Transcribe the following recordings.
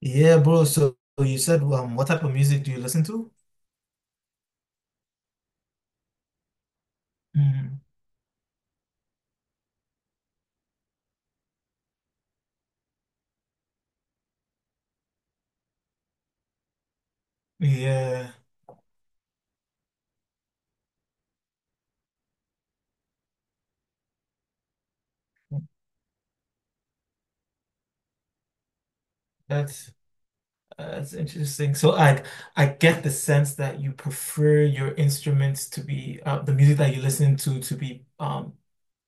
Yeah, bro. So you said, what type of music do you listen to? Mm, yeah, that's that's interesting. So I get the sense that you prefer your instruments to be the music that you listen to be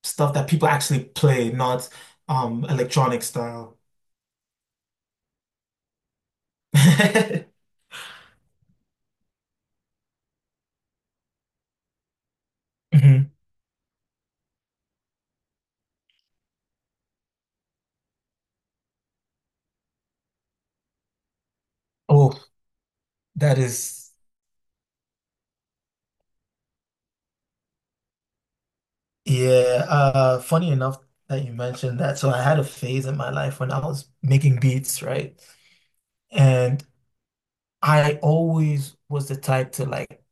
stuff that people actually play, not electronic style. Mhm. Oh, that is yeah. Funny enough that you mentioned that. So I had a phase in my life when I was making beats, right? And I always was the type to like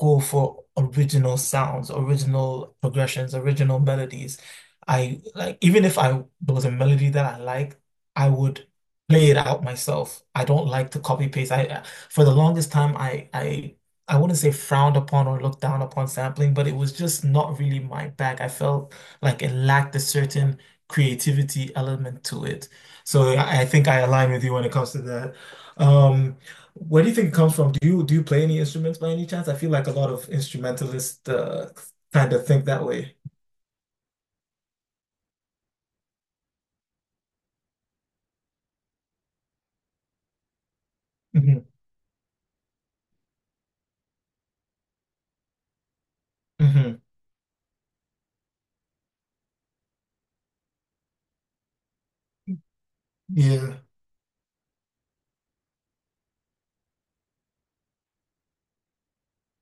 go for original sounds, original progressions, original melodies. I like even if I there was a melody that I liked, I would play it out myself. I don't like to copy paste. I for the longest time I wouldn't say frowned upon or looked down upon sampling, but it was just not really my bag. I felt like it lacked a certain creativity element to it. So I think I align with you when it comes to that. Um, where do you think it comes from? Do you play any instruments by any chance? I feel like a lot of instrumentalists kind of think that way. Hmm hmm Yeah.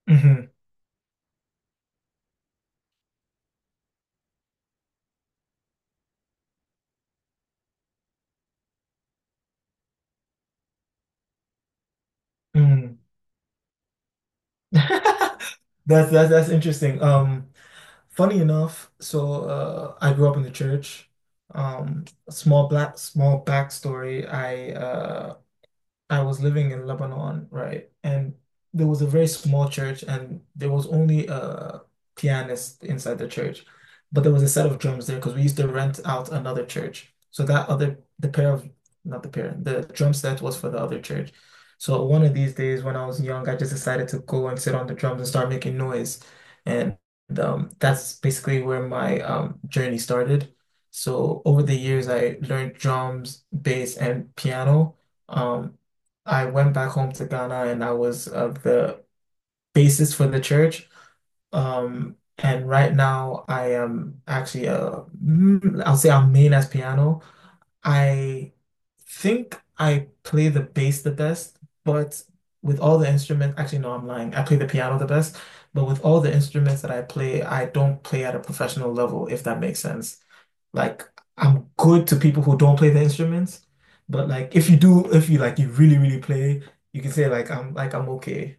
hmm Mm. That's that's interesting. Funny enough, so I grew up in the church. Small black small backstory. I was living in Lebanon, right? And there was a very small church, and there was only a pianist inside the church, but there was a set of drums there because we used to rent out another church. So that other, the pair of, not the pair, the drum set was for the other church. So one of these days when I was young, I just decided to go and sit on the drums and start making noise. And that's basically where my journey started. So over the years, I learned drums, bass, and piano. Um, I went back home to Ghana and I was the basis for the church. And right now I am actually a, I'll say I'm main as piano. I think I play the bass the best, but with all the instruments, actually no, I'm lying. I play the piano the best, but with all the instruments that I play, I don't play at a professional level, if that makes sense. Like I'm good to people who don't play the instruments, but like if you do, if you like you really, really play, you can say like I'm okay.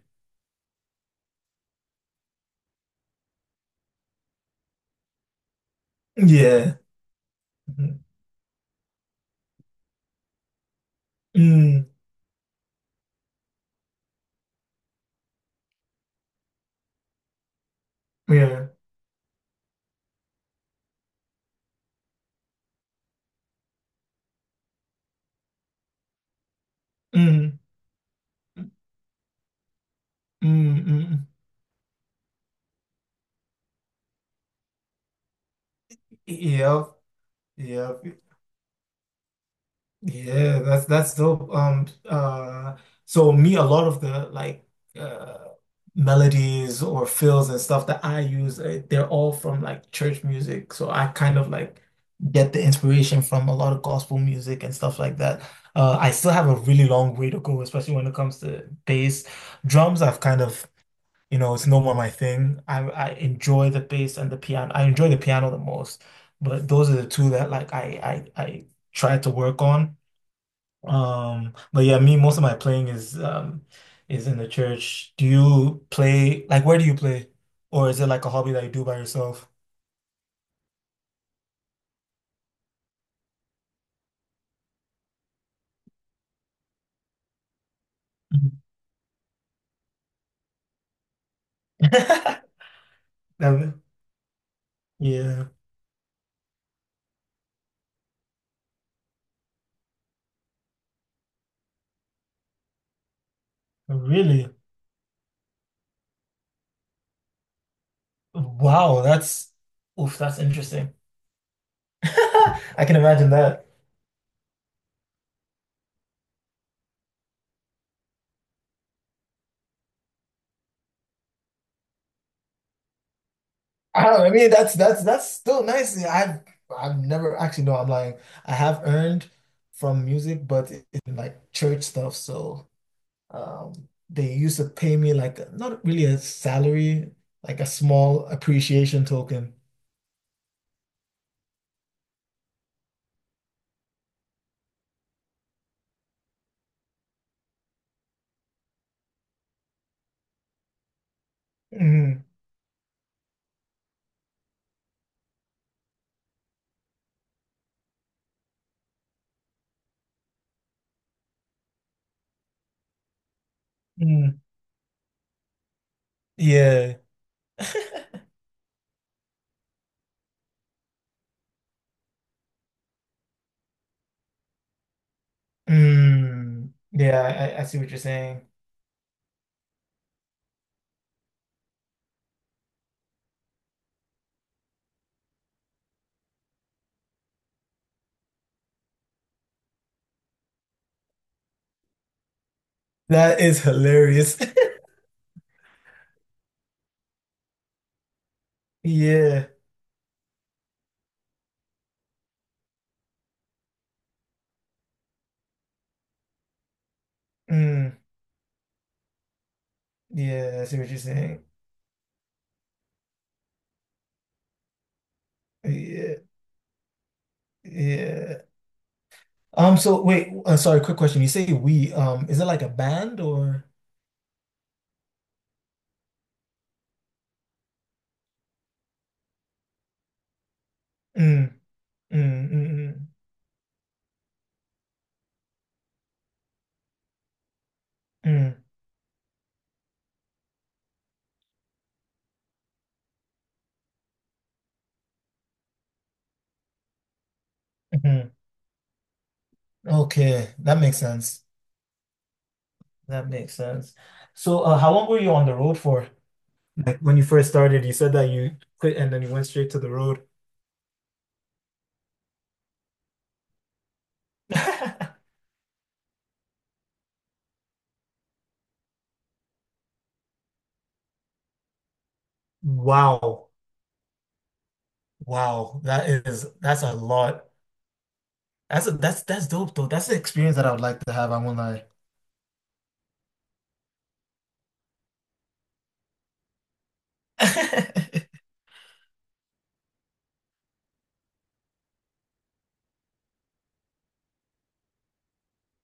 Yeah. Mhm. Mm, yeah. Mm, mm, mm. Yep. Yep. Yeah, that's dope. So me, a lot of the uh melodies or fills and stuff that I use, they're all from like church music. So I kind of like get the inspiration from a lot of gospel music and stuff like that. I still have a really long way to go, especially when it comes to bass. Drums, I've kind of, you know, it's no more my thing. I enjoy the bass and the piano. I enjoy the piano the most, but those are the two that like I try to work on. But yeah, me, most of my playing is in the church. Do you play like where do you play? Or is it like a hobby that you do by yourself? Mhm. Um, yeah, really. Wow, that's oof, that's interesting. I can imagine that. I don't, I mean that's still nice. Yeah, I've never actually no, I'm lying. I have earned from music, but in like church stuff, so um, they used to pay me like a, not really a salary, like a small appreciation token. Mm, mm, yeah. Mm, yeah, I see what you're saying. That is hilarious. Yeah. Mm, yeah, I see what you're saying. Yeah. Yeah. So wait, sorry, quick question. You say we, is it like a band or? Mm, mm, mm, mm, mm, mm. Okay, that makes sense. That makes sense. So, how long were you on the road for? Like when you first started, you said that you quit and then you went straight to the road. Wow. Wow. That is that's a lot. That's dope though. That's the experience that I would like to have. I won't lie.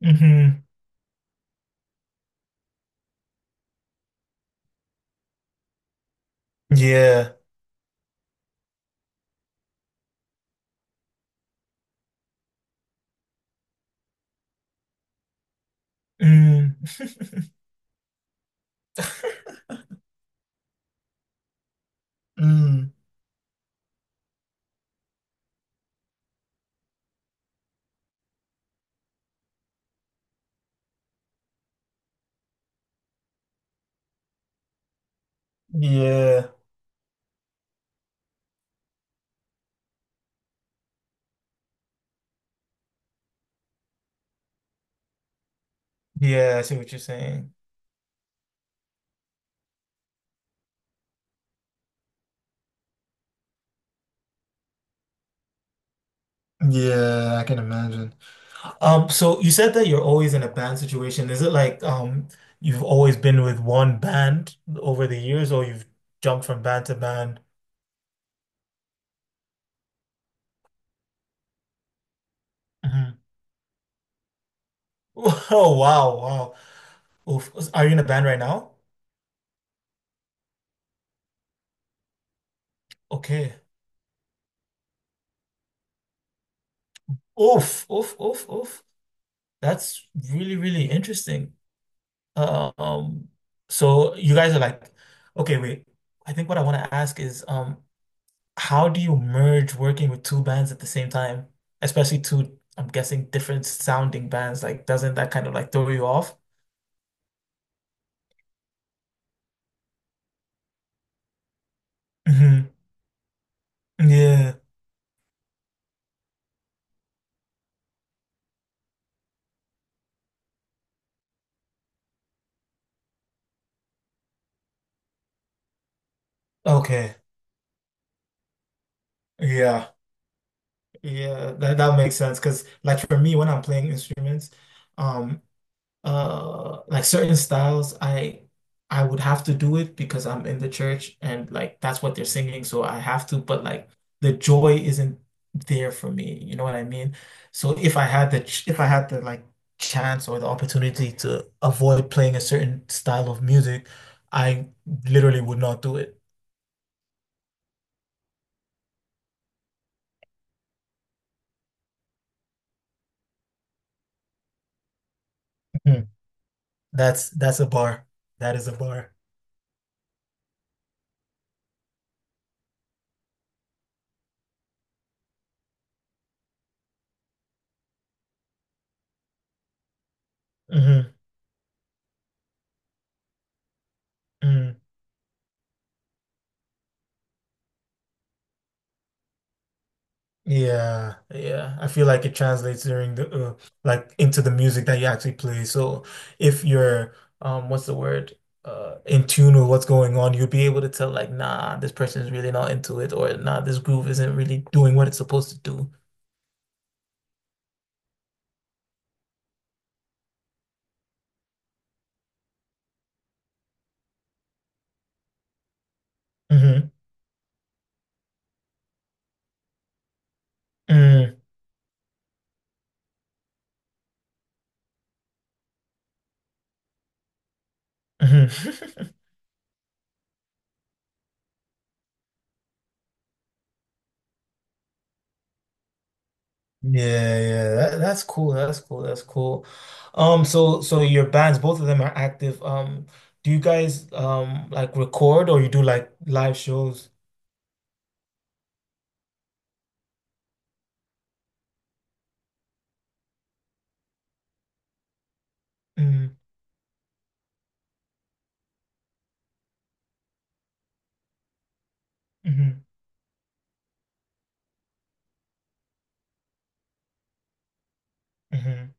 hmm Yeah. Mm. Mm. Yeah. Yeah, I see what you're saying. Yeah, I can imagine. So you said that you're always in a band situation. Is it like you've always been with one band over the years, or you've jumped from band to band? Mhm. Oh wow, wow. Oof. Are you in a band right now? Okay. Oof, oof, oof, oof. That's really, really interesting. Um, so you guys are like, okay, wait. I think what I want to ask is how do you merge working with two bands at the same time? Especially two, I'm guessing, different sounding bands. Like, doesn't that kind of like throw you off? Hmm Yeah. Okay. Yeah. Yeah. That that makes sense. Because like for me, when I'm playing instruments, um, certain styles I would have to do it because I'm in the church and like that's what they're singing so I have to but like the joy isn't there for me, you know what I mean, so if I had the ch- if I had the like chance or the opportunity to avoid playing a certain style of music, I literally would not do it. Mhm. That's a bar, that is a bar. Hmm Yeah, yeah. I feel like it translates during the like into the music that you actually play. So if you're what's the word? In tune with what's going on, you'll be able to tell like nah, this person is really not into it or nah, this groove isn't really doing what it's supposed to do. Mm-hmm. Mm, hmm. Yeah, yeah. That's cool. That's cool. That's cool. So your bands, both of them are active. Do you guys like record or you do like live shows? Mm-hmm. hmm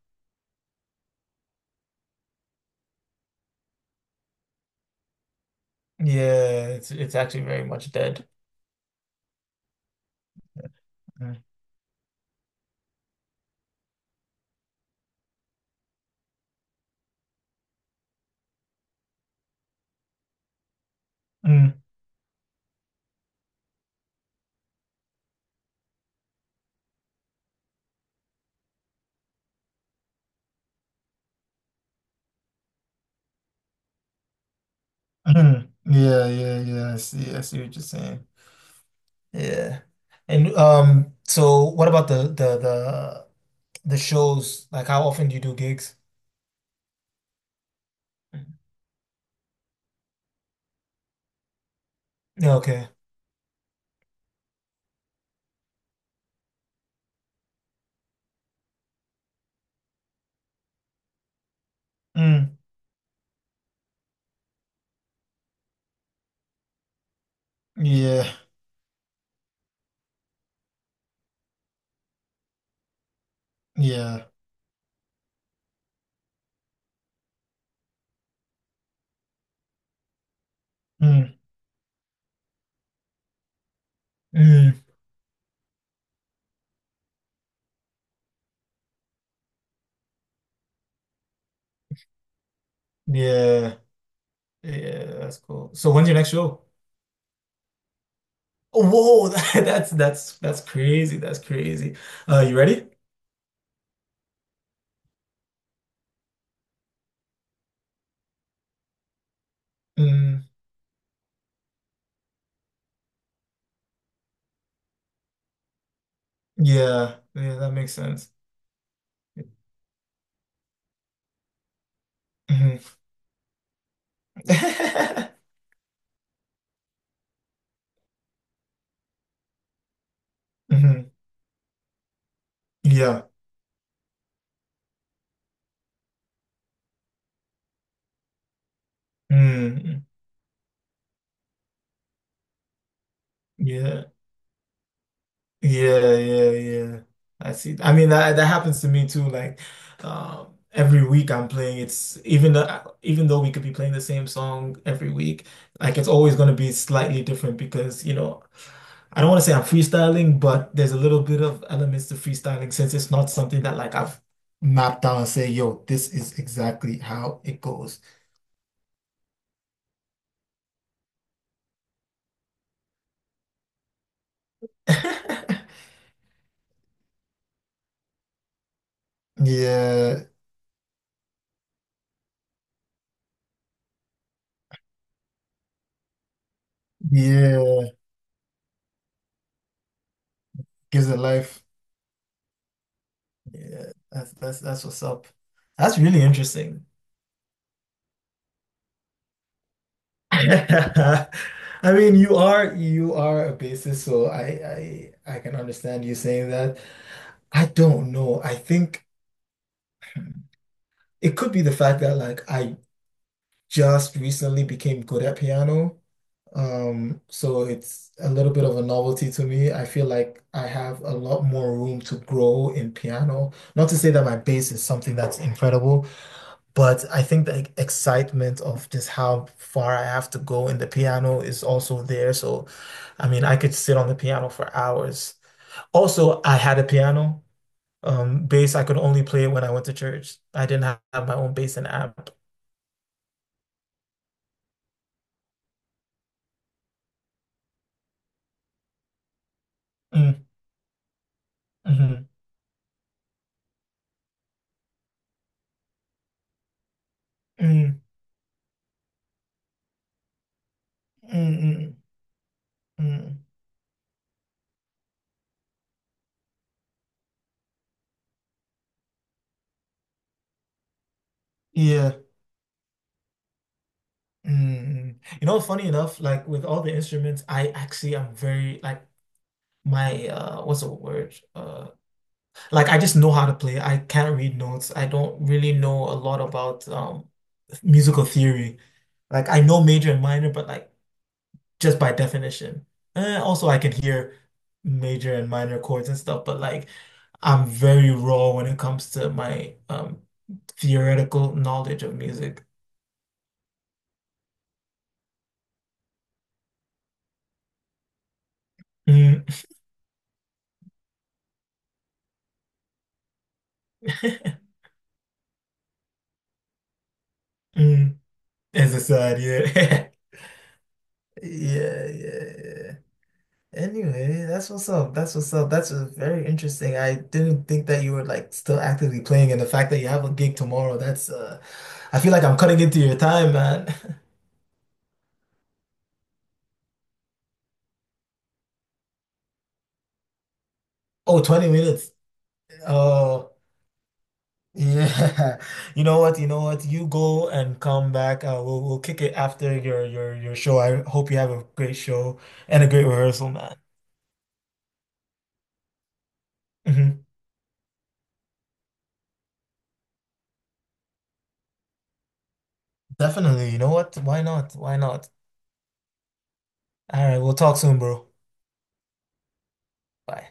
Yeah, it's actually very much dead. Mm. Mm. Mm. Yeah, yeah, yeah. I see. I see what you're saying. Yeah. And so what about the shows? Like how often do you do gigs? Yeah, okay. Mm. Yeah. Yeah. Mm. Mm. Yeah. Yeah, that's cool. So when's your next show? Oh, whoa, that's that's crazy. That's crazy. You ready? Mm. Yeah. Yeah, that makes sense. Mhm. Mhm. Yeah. Mm. Yeah. Yeah. Yeah. Yeah. I see. I mean, that that happens to me too. Like, every week I'm playing. It's even though we could be playing the same song every week, like it's always going to be slightly different because you know, I don't want to say I'm freestyling, but there's a little bit of elements to freestyling since it's not something that like I've mapped out and say, yo, this is exactly how it goes. Yeah. Yeah. Gives it life. Yeah, that's that's what's up. That's really interesting. I mean, you are a bassist, so I can understand you saying that. I don't know. I think it could be the fact that like I just recently became good at piano. So it's a little bit of a novelty to me. I feel like I have a lot more room to grow in piano. Not to say that my bass is something that's incredible, but I think the excitement of just how far I have to go in the piano is also there. So, I mean, I could sit on the piano for hours. Also, I had a piano. Bass, I could only play when I went to church. I didn't have my own bass and amp. Mm, mhm, mm, mm, mm, mm. Yeah. Mm. You know, funny enough, like with all the instruments, I actually am very like my what's the word? Like I just know how to play. I can't read notes. I don't really know a lot about musical theory. Like I know major and minor, but like just by definition. And also I can hear major and minor chords and stuff, but like I'm very raw when it comes to my theoretical knowledge of music. Mm. Mm. It's a sad, yeah. Yeah, yeah, yeah. Anyway, that's what's up. That's what's up. That's very interesting. I didn't think that you were like still actively playing, and the fact that you have a gig tomorrow, that's I feel like I'm cutting into your time, man. Oh, 20 minutes. Oh, yeah. You know what? You know what? You go and come back. We'll kick it after your show. I hope you have a great show and a great rehearsal, man. Hmm Definitely. You know what? Why not? Why not? All right, we'll talk soon, bro. Bye.